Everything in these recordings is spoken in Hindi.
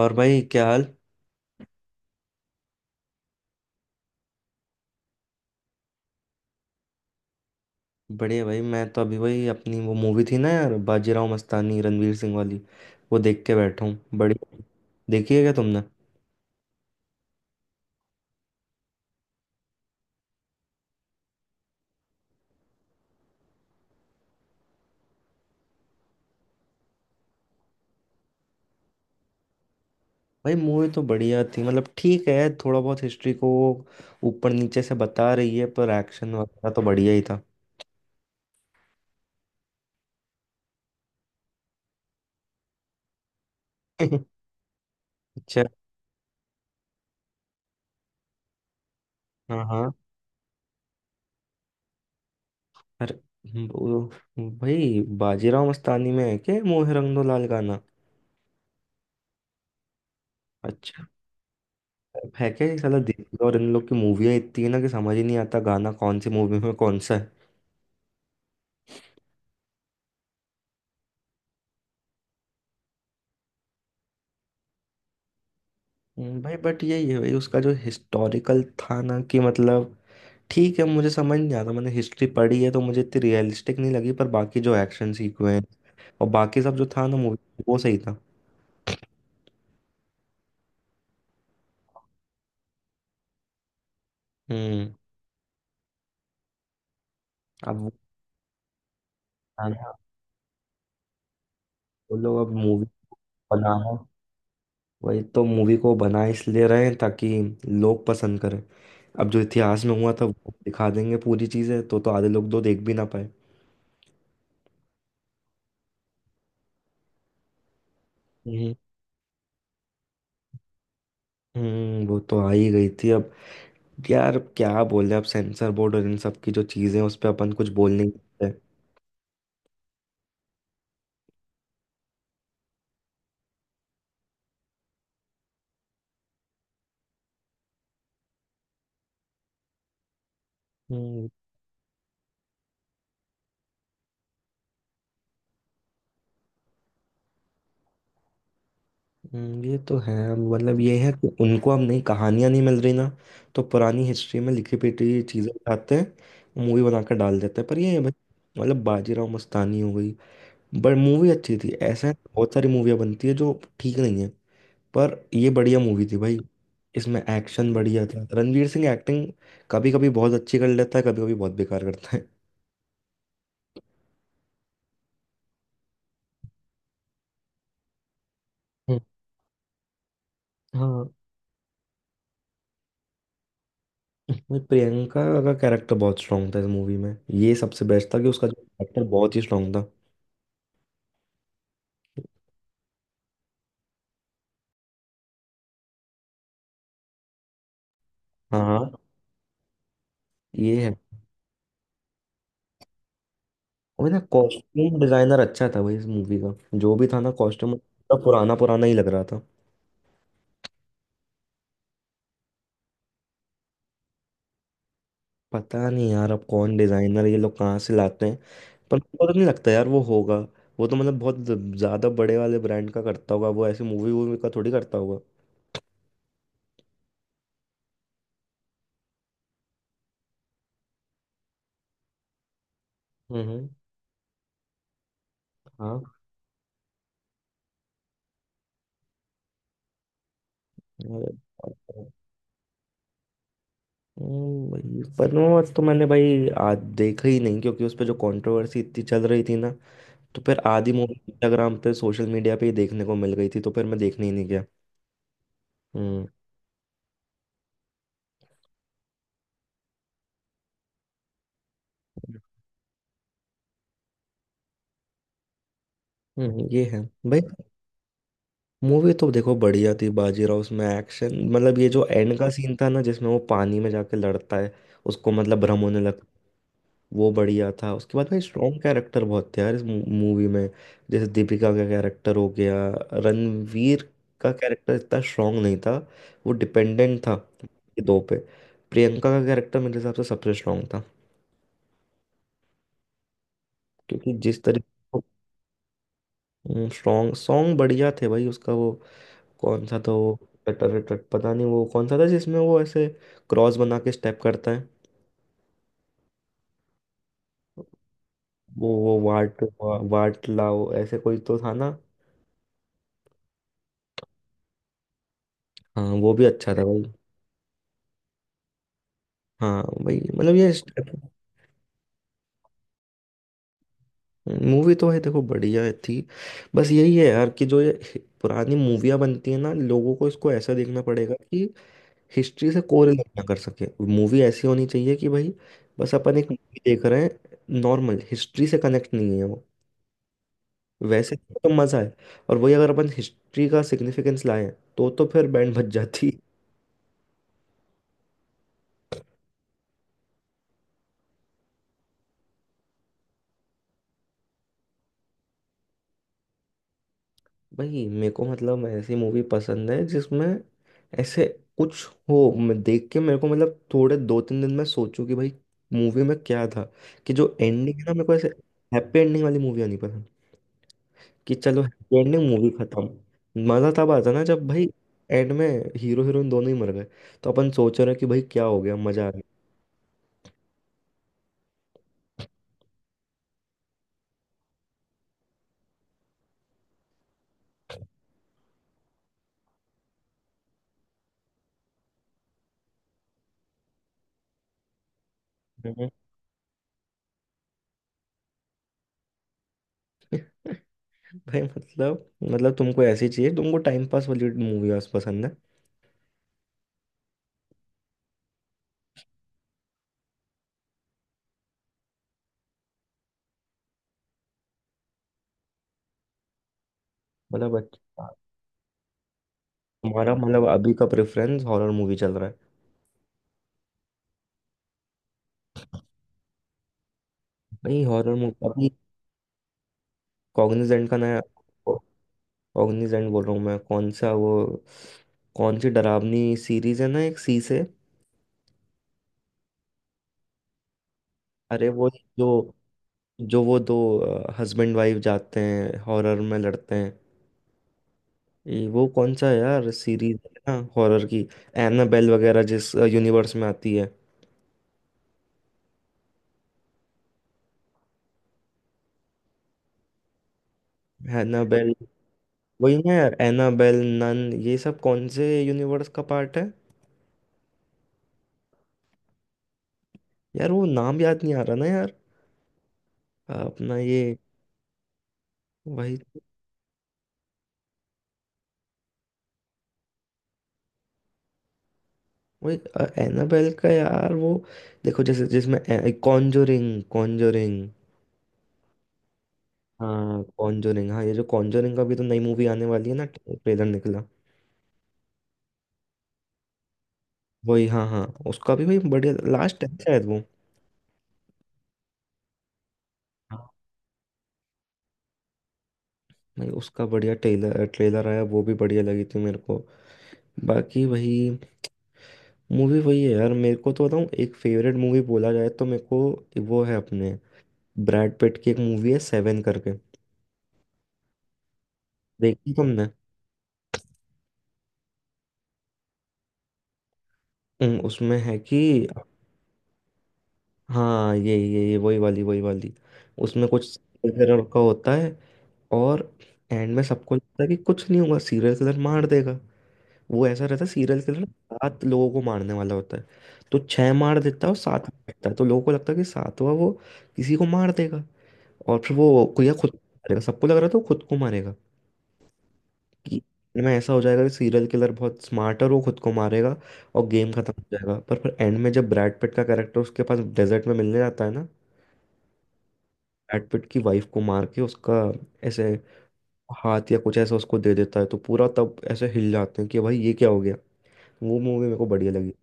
और भाई, क्या हाल? बढ़िया भाई। मैं तो अभी भाई अपनी वो मूवी थी ना यार, बाजीराव मस्तानी, रणवीर सिंह वाली, वो देख के बैठा हूँ। बढ़िया। देखी है क्या तुमने? भाई मूवी तो बढ़िया थी, मतलब ठीक है। थोड़ा बहुत हिस्ट्री को ऊपर नीचे से बता रही है, पर एक्शन वगैरह तो बढ़िया ही था। अच्छा। हाँ हाँ। अरे भाई बाजीराव मस्तानी में है क्या ये मोहे रंग दो लाल गाना? अच्छा। है क्या ये साला, दीपिका और इन लोग की मूवियाँ इतनी है ना कि समझ ही नहीं आता गाना कौन सी मूवी में कौन सा है। भाई बट यही है भाई, उसका जो हिस्टोरिकल था ना, कि मतलब ठीक है, मुझे समझ नहीं आता। मैंने हिस्ट्री पढ़ी है तो मुझे इतनी रियलिस्टिक नहीं लगी, पर बाकी जो एक्शन सीक्वेंस और बाकी सब जो था ना मूवी, वो सही था। हम्म। अब वो बनाना- वो लोग अब मूवी बनाना, वही तो मूवी को बना इसलिए रहे हैं ताकि लोग पसंद करें। अब जो इतिहास में हुआ था वो दिखा देंगे पूरी चीजें, तो आधे लोग तो देख भी ना पाए। हम्म। वो तो आ ही गई थी। अब यार क्या बोले, अब सेंसर बोर्ड और इन सब की जो चीजें हैं, उस पे अपन कुछ बोल नहीं सकते। हम्म। ये तो है, मतलब ये है कि उनको अब नई कहानियां नहीं मिल रही ना, तो पुरानी हिस्ट्री में लिखी पिटी चीजें उठाते हैं, मूवी बनाकर डाल देते हैं। पर ये है भाई, मतलब बाजीराव मस्तानी हो गई, बट मूवी अच्छी थी। ऐसे बहुत सारी मूवियाँ बनती है जो ठीक नहीं है, पर ये बढ़िया मूवी थी भाई। इसमें एक्शन बढ़िया था। रणवीर सिंह एक्टिंग कभी कभी बहुत अच्छी कर लेता है, कभी कभी बहुत बेकार करता है। हम्म, हाँ। नहीं, प्रियंका का कैरेक्टर बहुत स्ट्रांग था इस मूवी में। ये सबसे बेस्ट था कि उसका जो कैरेक्टर बहुत ही स्ट्रांग था। हाँ हाँ, ये है। और ना, कॉस्ट्यूम डिजाइनर अच्छा था भाई इस मूवी का, जो भी था ना कॉस्ट्यूम, पुराना पुराना ही लग रहा था। पता नहीं यार, अब कौन डिजाइनर ये लोग कहाँ से लाते हैं, पर मुझे पता नहीं लगता यार वो होगा। वो तो मतलब बहुत ज्यादा बड़े वाले ब्रांड का करता होगा, वो ऐसे मूवी वूवी का थोड़ी करता होगा। हम्म। हाँ यार। भाई पद्मावत तो मैंने भाई आज देखा ही नहीं, क्योंकि उस पे जो कंट्रोवर्सी इतनी चल रही थी ना, तो फिर आधी मूवी इंस्टाग्राम पे, सोशल मीडिया पे ही देखने को मिल गई थी, तो फिर मैं देखने ही नहीं गया। हम्म। ये है भाई। मूवी तो देखो बढ़िया थी बाजीराव। उसमें एक्शन, मतलब ये जो एंड का सीन था ना, जिसमें वो पानी में जाके लड़ता है, उसको मतलब भ्रम होने लगता है, वो बढ़िया था। उसके बाद भाई स्ट्रॉन्ग कैरेक्टर बहुत थे यार इस मूवी में। जैसे दीपिका का कैरेक्टर हो गया। रणवीर का कैरेक्टर इतना स्ट्रांग नहीं था, वो डिपेंडेंट था ये दो पे। प्रियंका का कैरेक्टर मेरे हिसाब से सबसे स्ट्रांग था, क्योंकि जिस तरीके। स्ट्रांग सॉन्ग बढ़िया थे भाई, उसका वो कौन सा था वो, टटर टट, पता नहीं वो कौन सा था जिसमें वो ऐसे क्रॉस बना के स्टेप करता है। वो वाट वाट लाओ, ऐसे कोई तो था ना। हाँ वो भी अच्छा था भाई। हाँ भाई, मतलब ये मूवी तो है देखो बढ़िया थी। बस यही है यार कि जो ये पुरानी मूवियाँ बनती है ना, लोगों को इसको ऐसा देखना पड़ेगा कि हिस्ट्री से कोरिलेट ना कर सके। मूवी ऐसी होनी चाहिए कि भाई बस अपन एक मूवी देख रहे हैं, नॉर्मल, हिस्ट्री से कनेक्ट नहीं है वो, वैसे तो मज़ा है। और वही अगर अपन हिस्ट्री का सिग्निफिकेंस लाएं तो फिर बैंड बज जाती। भाई मेरे को मतलब ऐसी मूवी पसंद है जिसमें ऐसे कुछ हो, मैं देख के मेरे को मतलब थोड़े दो तीन दिन में सोचूं कि भाई मूवी में क्या था। कि जो एंडिंग है ना, मेरे को ऐसे हैप्पी एंडिंग वाली मूवी आनी पसंद, कि चलो हैप्पी एंडिंग, मूवी खत्म। मज़ा तब आता ना जब भाई एंड में हीरो हीरोइन दोनों ही मर गए, तो अपन सोच रहे हैं कि भाई क्या हो गया, मज़ा आ गया। हम्म। भाई मतलब, तुमको ऐसी चाहिए, तुमको टाइम पास वाली मूवी पसंद है। मतलब अच्छा, तुम्हारा मतलब अभी का प्रेफरेंस हॉरर मूवी चल रहा है। नहीं, हॉरर मूवी अभी कॉग्निजेंट का नया, कॉग्निजेंट बोल रहा हूँ मैं, कौन सा वो, कौन सी डरावनी सीरीज है ना एक सी से? अरे वो, जो, जो वो दो हस्बैंड वाइफ जाते हैं हॉरर में, लड़ते हैं, ये वो कौन सा है यार, सीरीज है ना हॉरर की, एनाबेल वगैरह जिस यूनिवर्स में आती है। एनाबेल, वही ना यार एनाबेल, नन ये सब कौन से यूनिवर्स का पार्ट है। यार वो नाम याद नहीं आ रहा ना यार। अपना ये वही वही एनाबेल का यार वो, देखो जैसे जिसमें कॉन्जोरिंग, कॉन्जोरिंग, हाँ कॉन्जोरिंग। हाँ, ये जो कॉन्जोरिंग का भी तो नई मूवी आने वाली है ना, ट्रेलर निकला। वही, हाँ हाँ, उसका भी भाई बढ़िया लास्ट है शायद वो। हाँ। भाई उसका बढ़िया ट्रेलर, ट्रेलर आया, वो भी बढ़िया लगी थी मेरे को। बाकी वही मूवी वही है यार, मेरे को तो बताऊँ एक फेवरेट मूवी बोला जाए तो मेरे को वो है अपने ब्रैड पिट की एक मूवी है, सेवन करके। देखी तुमने? उसमें है कि, हाँ यही यही वही वाली, वही वाली, उसमें कुछ serial killer का होता है। और एंड में सबको लगता है कि कुछ नहीं होगा, सीरियल किलर मार देगा। वो ऐसा रहता है सीरियल किलर, सात लोगों को मारने वाला होता है। तो छह मार देता है और सात बचता है, तो लोगों को लगता है कि सातवां वो किसी को मार देगा, और फिर वो या खुद को मारेगा। सबको लग रहा था वो खुद को मारेगा कि end में ऐसा हो जाएगा, कि सीरियल किलर बहुत स्मार्ट है और वो खुद को मारेगा और गेम खत्म हो जाएगा। पर फिर एंड में जब ब्रैड पिट का कैरेक्टर उसके पास डेजर्ट में मिलने जाता है ना, ब्रैड पिट की वाइफ को मार के उसका ऐसे हाथ या कुछ ऐसा उसको दे देता है, तो पूरा तब ऐसे हिल जाते हैं कि भाई ये क्या हो गया। वो मूवी मेरे को बढ़िया लगी।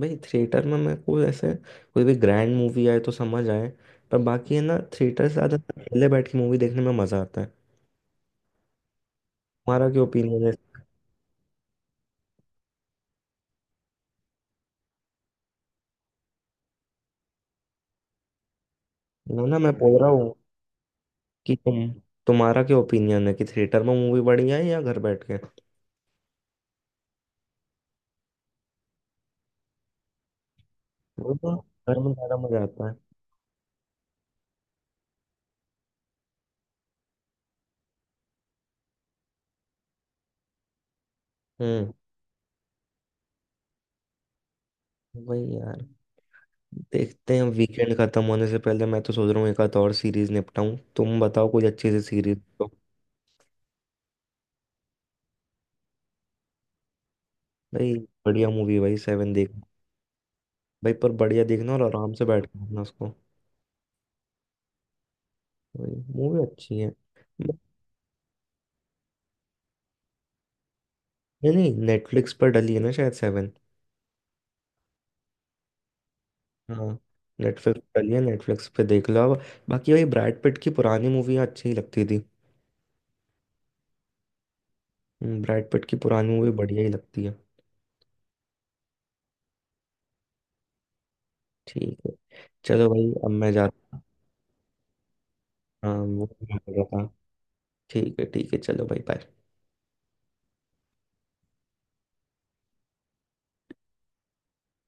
भाई थिएटर में मेरे को ऐसे कोई भी ग्रैंड मूवी आए तो समझ आए, पर बाकी है ना थिएटर से ज़्यादा अकेले बैठ के मूवी देखने में मज़ा आता है। तुम्हारा क्या ओपिनियन है? ना ना, मैं बोल रहा हूँ कि तुम, तुम्हारा क्या ओपिनियन है कि थिएटर में मूवी बढ़िया है या घर बैठ के? वो तो घर में ज़्यादा मज़ा आता है। हम्म। वही यार, देखते हैं, वीकेंड खत्म होने से पहले मैं तो सोच रहा हूँ एक आध और सीरीज निपटाऊं, तुम बताओ कोई अच्छी सी सीरीज तो। भाई बढ़िया मूवी भाई, सेवन देख भाई, पर बढ़िया देखना और आराम से बैठ के देखना उसको, भाई मूवी अच्छी है। नहीं नहीं, नेटफ्लिक्स पर डली है ना शायद सेवन। हाँ, नेटफ्लिक्स पर डली है, नेटफ्लिक्स पे देख लो अब। बाकी भाई ब्रैड पिट की पुरानी मूवियाँ अच्छी ही लगती थी। ब्रैड पिट की पुरानी मूवी बढ़िया ही लगती है। ठीक है, चलो भाई, अब मैं जाता हूँ। हाँ, वो मैं कर रहा था। ठीक है ठीक है, चलो भाई, bye।